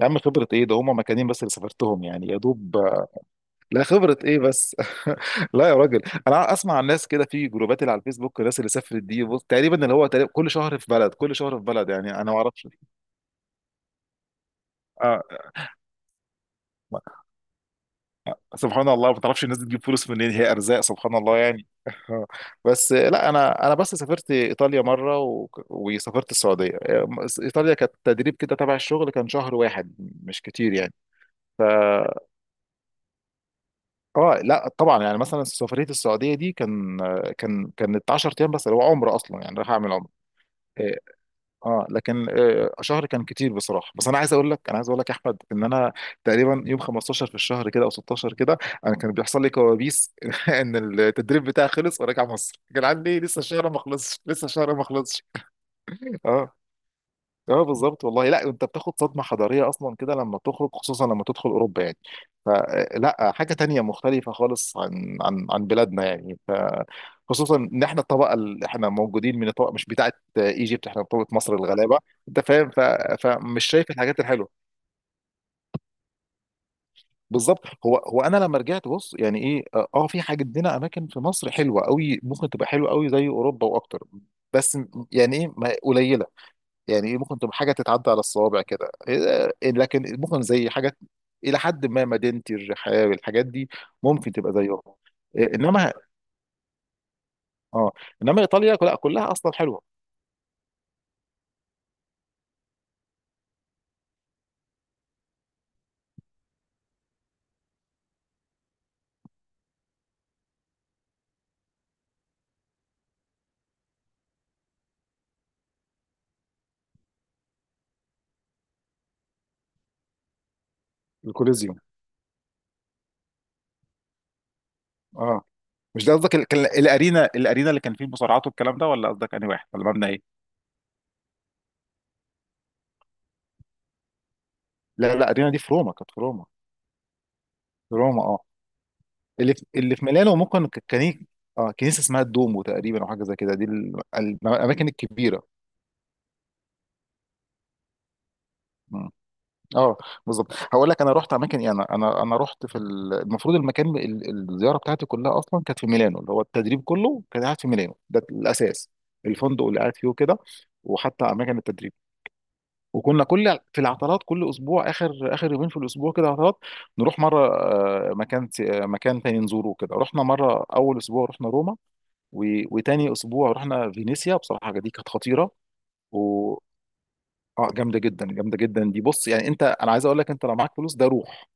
يا عم، خبرة ايه؟ ده هما مكانين بس اللي سافرتهم، يعني يا دوب. لا، خبرة ايه بس. لا يا راجل. انا اسمع عن ناس كده في جروبات اللي على الفيسبوك. الناس اللي سافرت دي، بص، تقريبا اللي هو تقريبا كل شهر في بلد كل شهر في بلد، يعني انا ما اعرفش. آه. سبحان الله، ما تعرفش الناس دي تجيب فلوس منين، هي ارزاق سبحان الله يعني. بس لا، انا بس سافرت ايطاليا مره وسافرت السعوديه. ايطاليا كانت تدريب كده تبع الشغل، كان شهر واحد. مش كتير. يعني اه، لا طبعا، يعني مثلا سفريه السعوديه دي كان كانت 10 ايام بس. هو عمره اصلا، يعني راح اعمل عمره. إيه، اه لكن شهر كان كتير بصراحه. بس انا عايز اقول لك، يا احمد، ان انا تقريبا يوم 15 في الشهر كده او 16 كده انا كان بيحصل لي كوابيس ان التدريب بتاعي خلص وراجع مصر، كان عندي لسه الشهر ما خلصش لسه الشهر ما خلصش. اه اه، بالظبط والله. لا، انت بتاخد صدمه حضاريه اصلا كده لما تخرج، خصوصا لما تدخل اوروبا يعني. فلا، حاجه تانية مختلفه خالص عن عن بلادنا يعني. ف، خصوصا ان احنا الطبقه اللي احنا موجودين، من الطبقه مش بتاعه ايجيبت، احنا طبقه مصر الغلابه. انت فاهم، فمش شايف الحاجات الحلوه. بالظبط. هو انا لما رجعت بص، يعني ايه، في حاجه، عندنا اماكن في مصر حلوه قوي، ممكن تبقى حلوه قوي زي اوروبا واكتر. بس يعني ايه، قليله. يعني ايه، ممكن تبقى حاجه تتعدى على الصوابع كده. لكن ممكن زي حاجات، الى حد ما مدينتي الرحاب الحاجات دي، ممكن تبقى زيهم. إيه، انما، اه، انما ايطاليا لا، كلها اصلا حلوه. الكوليزيوم. اه، مش ده قصدك كان الارينا اللي كان فيه المصارعات والكلام ده، ولا قصدك انهي واحد، ولا مبنى ايه؟ لا لا، الارينا دي في روما، كانت في روما. في روما اه. اللي في ميلانو ممكن كان، اه كنيسه اسمها الدومو تقريبا، او حاجه زي كده، دي الاماكن الكبيره. اه، بالظبط. هقول لك، انا رحت اماكن، يعني انا رحت في المفروض المكان، الزياره بتاعتي كلها اصلا كانت في ميلانو، اللي هو التدريب كله كان قاعد في ميلانو ده الاساس. الفندق اللي قاعد فيه وكده، وحتى اماكن التدريب. وكنا كل في العطلات، كل اسبوع اخر يومين في الاسبوع كده عطلات، نروح مره آه، مكان ت- آه، مكان تاني نزوره كده. رحنا مره اول اسبوع رحنا روما، وتاني اسبوع رحنا فينيسيا. بصراحه دي كانت خطيره. و، اه جامده جدا، جامده جدا. دي بص، يعني انت، انا عايز اقول لك، انت لو معاك فلوس ده روح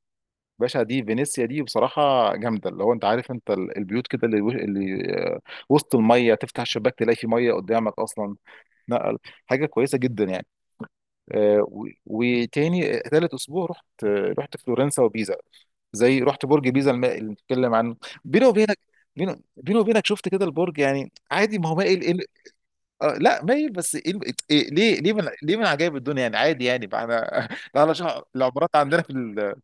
باشا. دي فينيسيا دي بصراحة جامدة. اللي هو انت عارف انت البيوت كده، اللي، اللي وسط المية، تفتح الشباك تلاقي في مية قدامك اصلا. لا، حاجة كويسة جدا يعني. وتاني آه، تالت اسبوع رحت، رحت فلورنسا وبيزا. زي، رحت برج بيزا اللي بنتكلم عنه. بيني وبينك، بيني وبينك شفت كده البرج، يعني عادي، ما هو مايل. آه لا، مايل بس. إيه ال- إيه ليه ليه من عجائب الدنيا، يعني عادي، يعني بقى انا ده على شهر العمارات عندنا في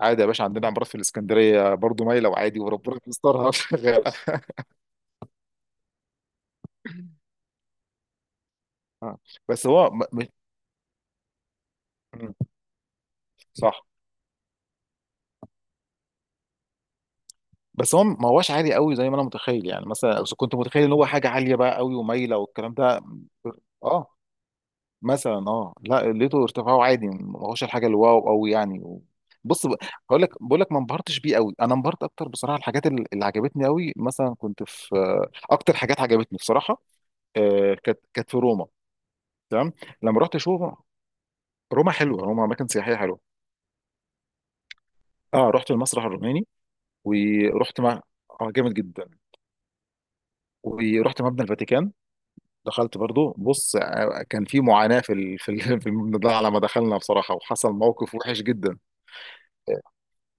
عادي يا باشا، عندنا عمارات في الاسكندريه برضو مايله، وعادي، وربنا يسترها شغال. آه. بس هو م. صح. بس هو ما هوش عالي قوي زي ما انا متخيل، يعني مثلا إذا كنت متخيل ان هو حاجه عاليه بقى قوي ومايله والكلام ده. اه مثلا، اه لا، لقيته ارتفاعه عادي، ما هوش الحاجه اللي واو قوي يعني. بص ب- هقول لك، بقول لك ما انبهرتش بيه قوي. انا انبهرت اكتر، بصراحه الحاجات اللي عجبتني قوي، مثلا كنت في، اكتر حاجات عجبتني بصراحه، كانت في روما. تمام. لما رحت اشوف، روما حلوه، روما اماكن سياحيه حلوه. اه، رحت المسرح الروماني، ورحت مع، اه جامد جدا، ورحت مبنى الفاتيكان. دخلت برضو بص، كان في معاناة في في المبنى ده على ما دخلنا بصراحة، وحصل موقف وحش جدا.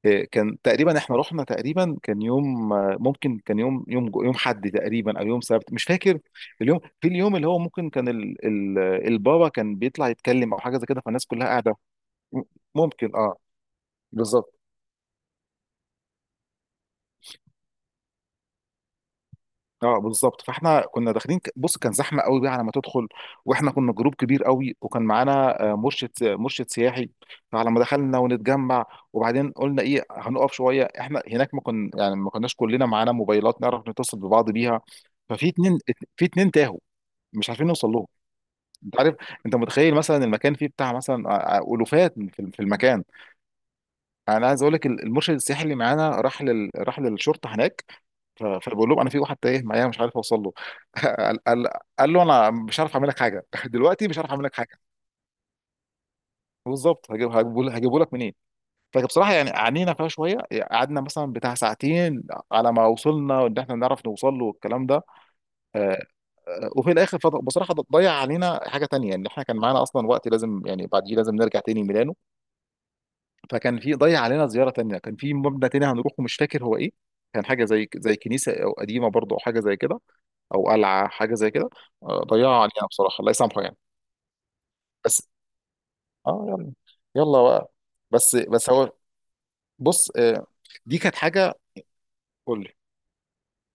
كان تقريبا احنا رحنا تقريبا، كان يوم، ممكن كان يوم، يوم حد تقريبا، او يوم سبت، مش فاكر. اليوم، في اليوم اللي هو ممكن كان البابا كان بيطلع يتكلم، او حاجة زي كده، فالناس كلها قاعدة. م- ممكن، اه، بالظبط. اه بالظبط، فاحنا كنا داخلين، بص كان زحمه قوي بقى على ما تدخل، واحنا كنا جروب كبير قوي، وكان معانا، مرشد سياحي. فعلى ما دخلنا ونتجمع، وبعدين قلنا ايه، هنقف شويه احنا هناك. ما كنا يعني ما كناش كلنا معانا موبايلات نعرف نتصل ببعض بيها. ففي اتنين، في اتنين تاهوا، مش عارفين نوصل لهم. انت عارف، انت متخيل مثلا المكان فيه بتاع مثلا، الوفات في المكان. انا عايز اقول لك، المرشد السياحي اللي معانا راح راح للشرطه هناك، فبقول لهم انا في واحد تايه معايا، مش عارف اوصل له. قال, قال, قال له انا مش عارف اعمل لك حاجه، دلوقتي مش عارف اعمل لك حاجه. بالظبط، هجيبه لك منين. فبصراحه يعني عانينا فيها شويه، قعدنا مثلا بتاع ساعتين على ما وصلنا ان احنا نعرف نوصل له والكلام ده. آه، وفي الاخر بصراحه ضيع علينا حاجه تانية، ان احنا كان معانا اصلا وقت، لازم يعني بعديه لازم نرجع تاني ميلانو. فكان في، ضيع علينا زياره تانية، كان في مبنى تاني هنروحه مش فاكر هو ايه، كان حاجه زي كنيسه او قديمه برضه، او حاجه زي كده، او قلعه، حاجه زي كده. ضيعوا علينا بصراحه، الله يسامحه يعني. بس، اه يلا، يلا بقى. بس هو، بص، دي كانت حاجه. قول لي.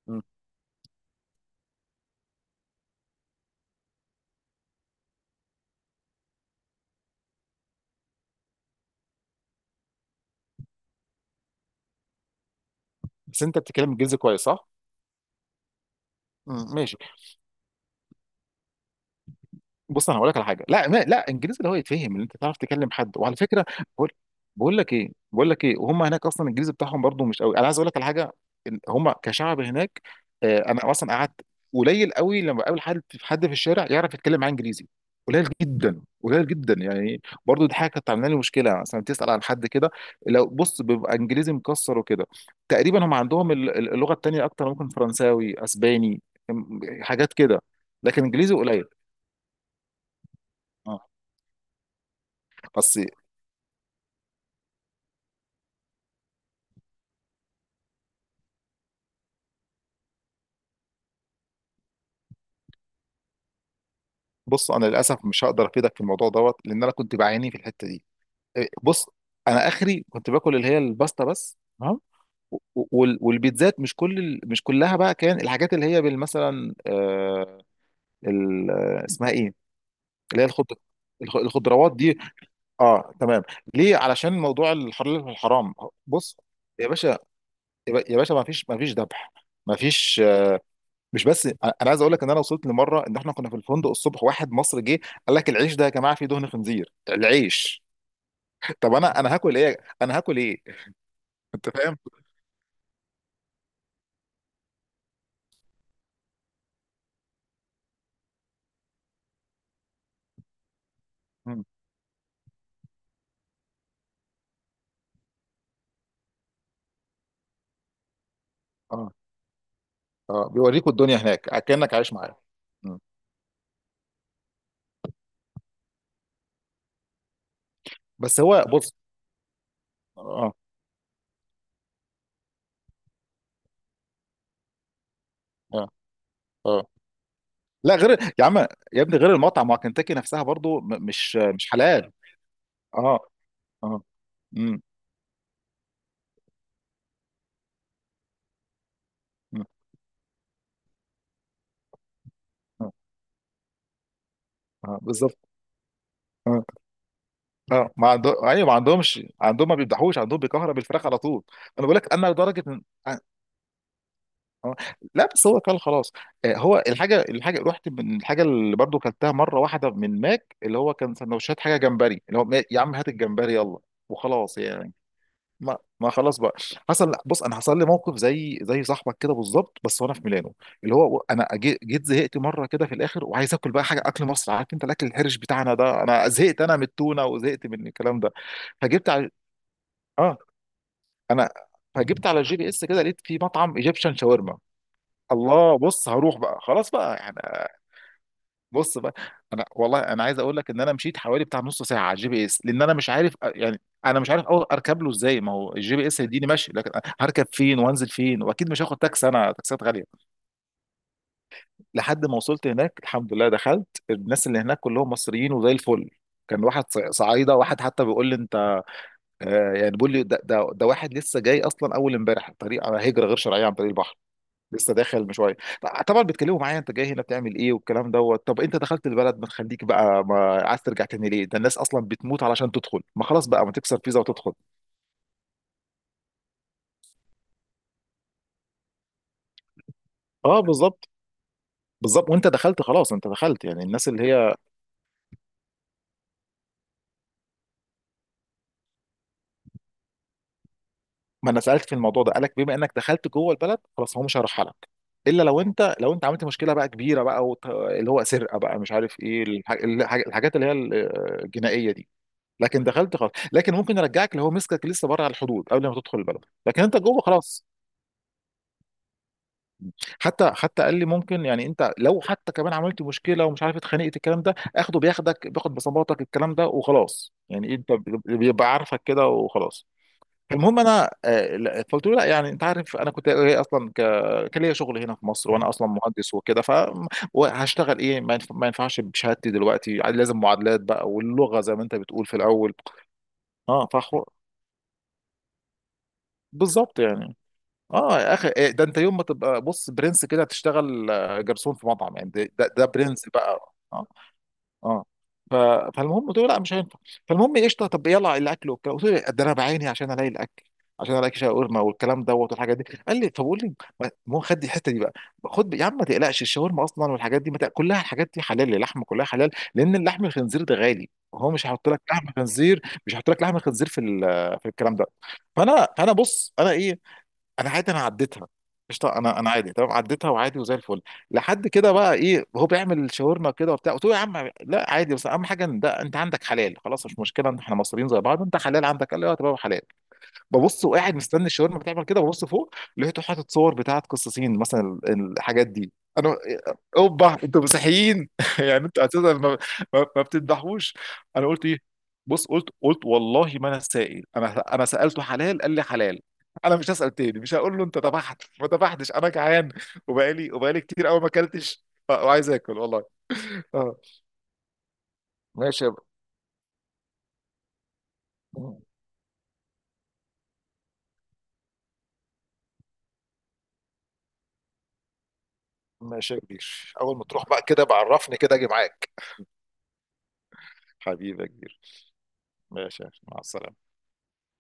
مم. بس انت بتتكلم الجنس كويس صح؟ مم، ماشي. بص انا هقول لك على حاجه، لا، انجليزي اللي هو يتفهم، اللي انت تعرف تكلم حد، وعلى فكره، بقول بقول لك ايه، بقول لك ايه، وهم هناك اصلا الانجليزي بتاعهم برضو مش قوي. انا عايز اقول لك على حاجه، هم كشعب هناك، انا اصلا قعدت، قليل قوي لما بقابل حد، في حد في الشارع يعرف يتكلم معاه انجليزي، قليل جدا قليل جدا، يعني برضو دي حاجه كانت عامله لي مشكله، مثلا تسال عن حد كده. لو بص بيبقى انجليزي مكسر وكده، تقريبا هم عندهم اللغه التانيه اكتر، ممكن فرنساوي، اسباني، حاجات كده، لكن انجليزي قليل. آه. بس بص، انا للاسف مش هقدر افيدك في الموضوع دوت، لان انا كنت بعاني في الحته دي. إيه، بص. انا اخري كنت باكل اللي هي الباستا بس، تمام، و- والبيتزات، مش كل مش كلها بقى، كان الحاجات اللي هي مثلا، اسمها ايه، اللي هي الخضروات دي. اه تمام. ليه؟ علشان موضوع الحلال والحرام. بص يا باشا، يا باشا ما فيش، ذبح، ما فيش. مش بس، انا عايز اقول لك ان انا وصلت لمره ان احنا كنا في الفندق الصبح، واحد مصري جه قال لك العيش ده يا جماعه فيه دهن خنزير، العيش. طب انا هاكل ايه، انا هاكل ايه. انت فاهم. مم. اه اه، بيوريكوا الدنيا هناك كانك عايش معاه. مم. بس هو بص، اه اه اه، لا غير يا عم، يا ابني غير المطعم، ما كنتاكي نفسها برضو مش حلال. اه اه. امم. أمم، اه. آه، بالظبط. اه اه، ما عندهم ايوه، ما عندهمش، عندهم ما بيذبحوش، عندهم بيكهرب الفراخ على طول. انا بقول لك، انا لدرجه اه لا، بس هو كان خلاص، هو الحاجه، رحت من الحاجه اللي برضو كلتها مره واحده من ماك، اللي هو كان سندوتشات، حاجه جمبري، اللي هو يا عم هات الجمبري يلا وخلاص يعني. ما خلاص بقى، حصل لا، بص انا حصل لي موقف زي، صاحبك كده بالظبط، بس وانا في ميلانو. اللي هو انا جيت زهقت مره كده في الاخر، وعايز اكل بقى حاجه، اكل مصر، عارف انت الاكل الحرش بتاعنا ده، انا زهقت انا من التونه، وزهقت من الكلام ده. فجبت على، اه، انا، فجبت على الجي بي اس كده، لقيت في مطعم ايجيبشن شاورما. الله، بص هروح بقى خلاص بقى يعني. بص بقى، انا والله انا عايز اقول لك ان انا مشيت حوالي بتاع نص ساعه على الجي بي اس، لان انا مش عارف يعني. انا مش عارف أو اركب له ازاي، ما هو الجي بي اس هيديني ماشي، لكن هركب فين وانزل فين. واكيد مش هاخد تاكسي، انا تاكسيات غاليه. لحد ما وصلت هناك الحمد لله، دخلت، الناس اللي هناك كلهم مصريين وزي الفل. كان واحد صعيده، واحد حتى بيقول لي انت، يعني بيقول لي ده واحد لسه جاي اصلا اول امبارح، طريق على هجره غير شرعيه عن طريق البحر، لسه داخل من شويه. طبعا بيتكلموا معايا، انت جاي هنا بتعمل ايه والكلام دوت. طب انت دخلت البلد، ما تخليك بقى، ما عايز ترجع تاني ليه، ده الناس اصلا بتموت علشان تدخل، ما خلاص بقى ما تكسر فيزا وتدخل. اه بالظبط. بالظبط، وانت دخلت خلاص، انت دخلت، يعني الناس اللي هي، ما انا سالت في الموضوع ده، قالك بما انك دخلت جوه البلد خلاص، هو مش هيرحلك، الا لو انت عملت مشكله بقى كبيره بقى، اللي هو سرقه بقى، مش عارف ايه الحاجات اللي هي الجنائيه دي. لكن دخلت خلاص، لكن ممكن يرجعك اللي هو مسكك لسه بره على الحدود قبل ما تدخل البلد، لكن انت جوه خلاص. حتى قال لي ممكن، يعني انت لو حتى كمان عملت مشكله، ومش عارف اتخانقت الكلام ده، بياخدك، بصماتك الكلام ده وخلاص، يعني انت بيبقى عارفك كده وخلاص. المهم انا، آه، لا، فقلت له لا، يعني انت عارف انا كنت جاي اصلا كان ليا شغل هنا في مصر، وانا اصلا مهندس وكده، فهشتغل ايه، ما ينفعش بشهادتي دلوقتي، لازم معادلات بقى، واللغه زي ما انت بتقول في الاول. اه فحو بالظبط يعني. اه يا اخي إيه ده، انت يوم ما تبقى بص برنس كده تشتغل، جرسون في مطعم يعني، ده برنس بقى. اه اه. ف- فالمهم قلت له لا، مش هينفع. فالمهم إيه، قشطه، طب يلا الاكل وبتاع. قلت له إيه، ده انا بعيني عشان الاقي الاكل، عشان الاقي شاورما والكلام دوت والحاجات دي. قال لي طب قول لي. ما هو خد دي الحته دي بقى. خد يا عم ما تقلقش، الشاورما اصلا والحاجات دي ما تق- كلها الحاجات دي حلال، اللحم كلها حلال، لان اللحم الخنزير ده غالي، هو مش هيحط لك لحم خنزير، مش هيحط لك لحم خنزير في في الكلام ده. فانا، انا بص انا ايه، انا عادي انا عديتها. قشطه، انا عادي تمام عديتها، وعادي، وزي الفل. لحد كده بقى ايه، هو بيعمل شاورما كده وبتاع، قلت له يا عم لا عادي، بس اهم حاجه ان ده انت عندك حلال خلاص، مش مشكله إن احنا مصريين زي بعض، انت حلال عندك، قال لي اه تمام حلال. ببص وقاعد مستني الشاورما بتعمل كده، ببص فوق لقيته حاطط صور بتاعت قصاصين مثلا، الحاجات دي، انا، اوبا، انتوا مسيحيين، يعني انتوا اساسا ما بتذبحوش. انا قلت ايه، بص قلت، والله ما انا سائل، انا سالته حلال قال لي حلال، انا مش هسال تاني، مش هقول له انت ذبحت ما ذبحتش، انا جعان. وبقالي كتير قوي ما اكلتش، وعايز اكل والله. اه ماشي يا ب- ماشي يا كبير، اول ما تروح بقى كده بعرفني كده اجي معاك. حبيبي يا كبير. ماشي يا أخي، مع السلامه.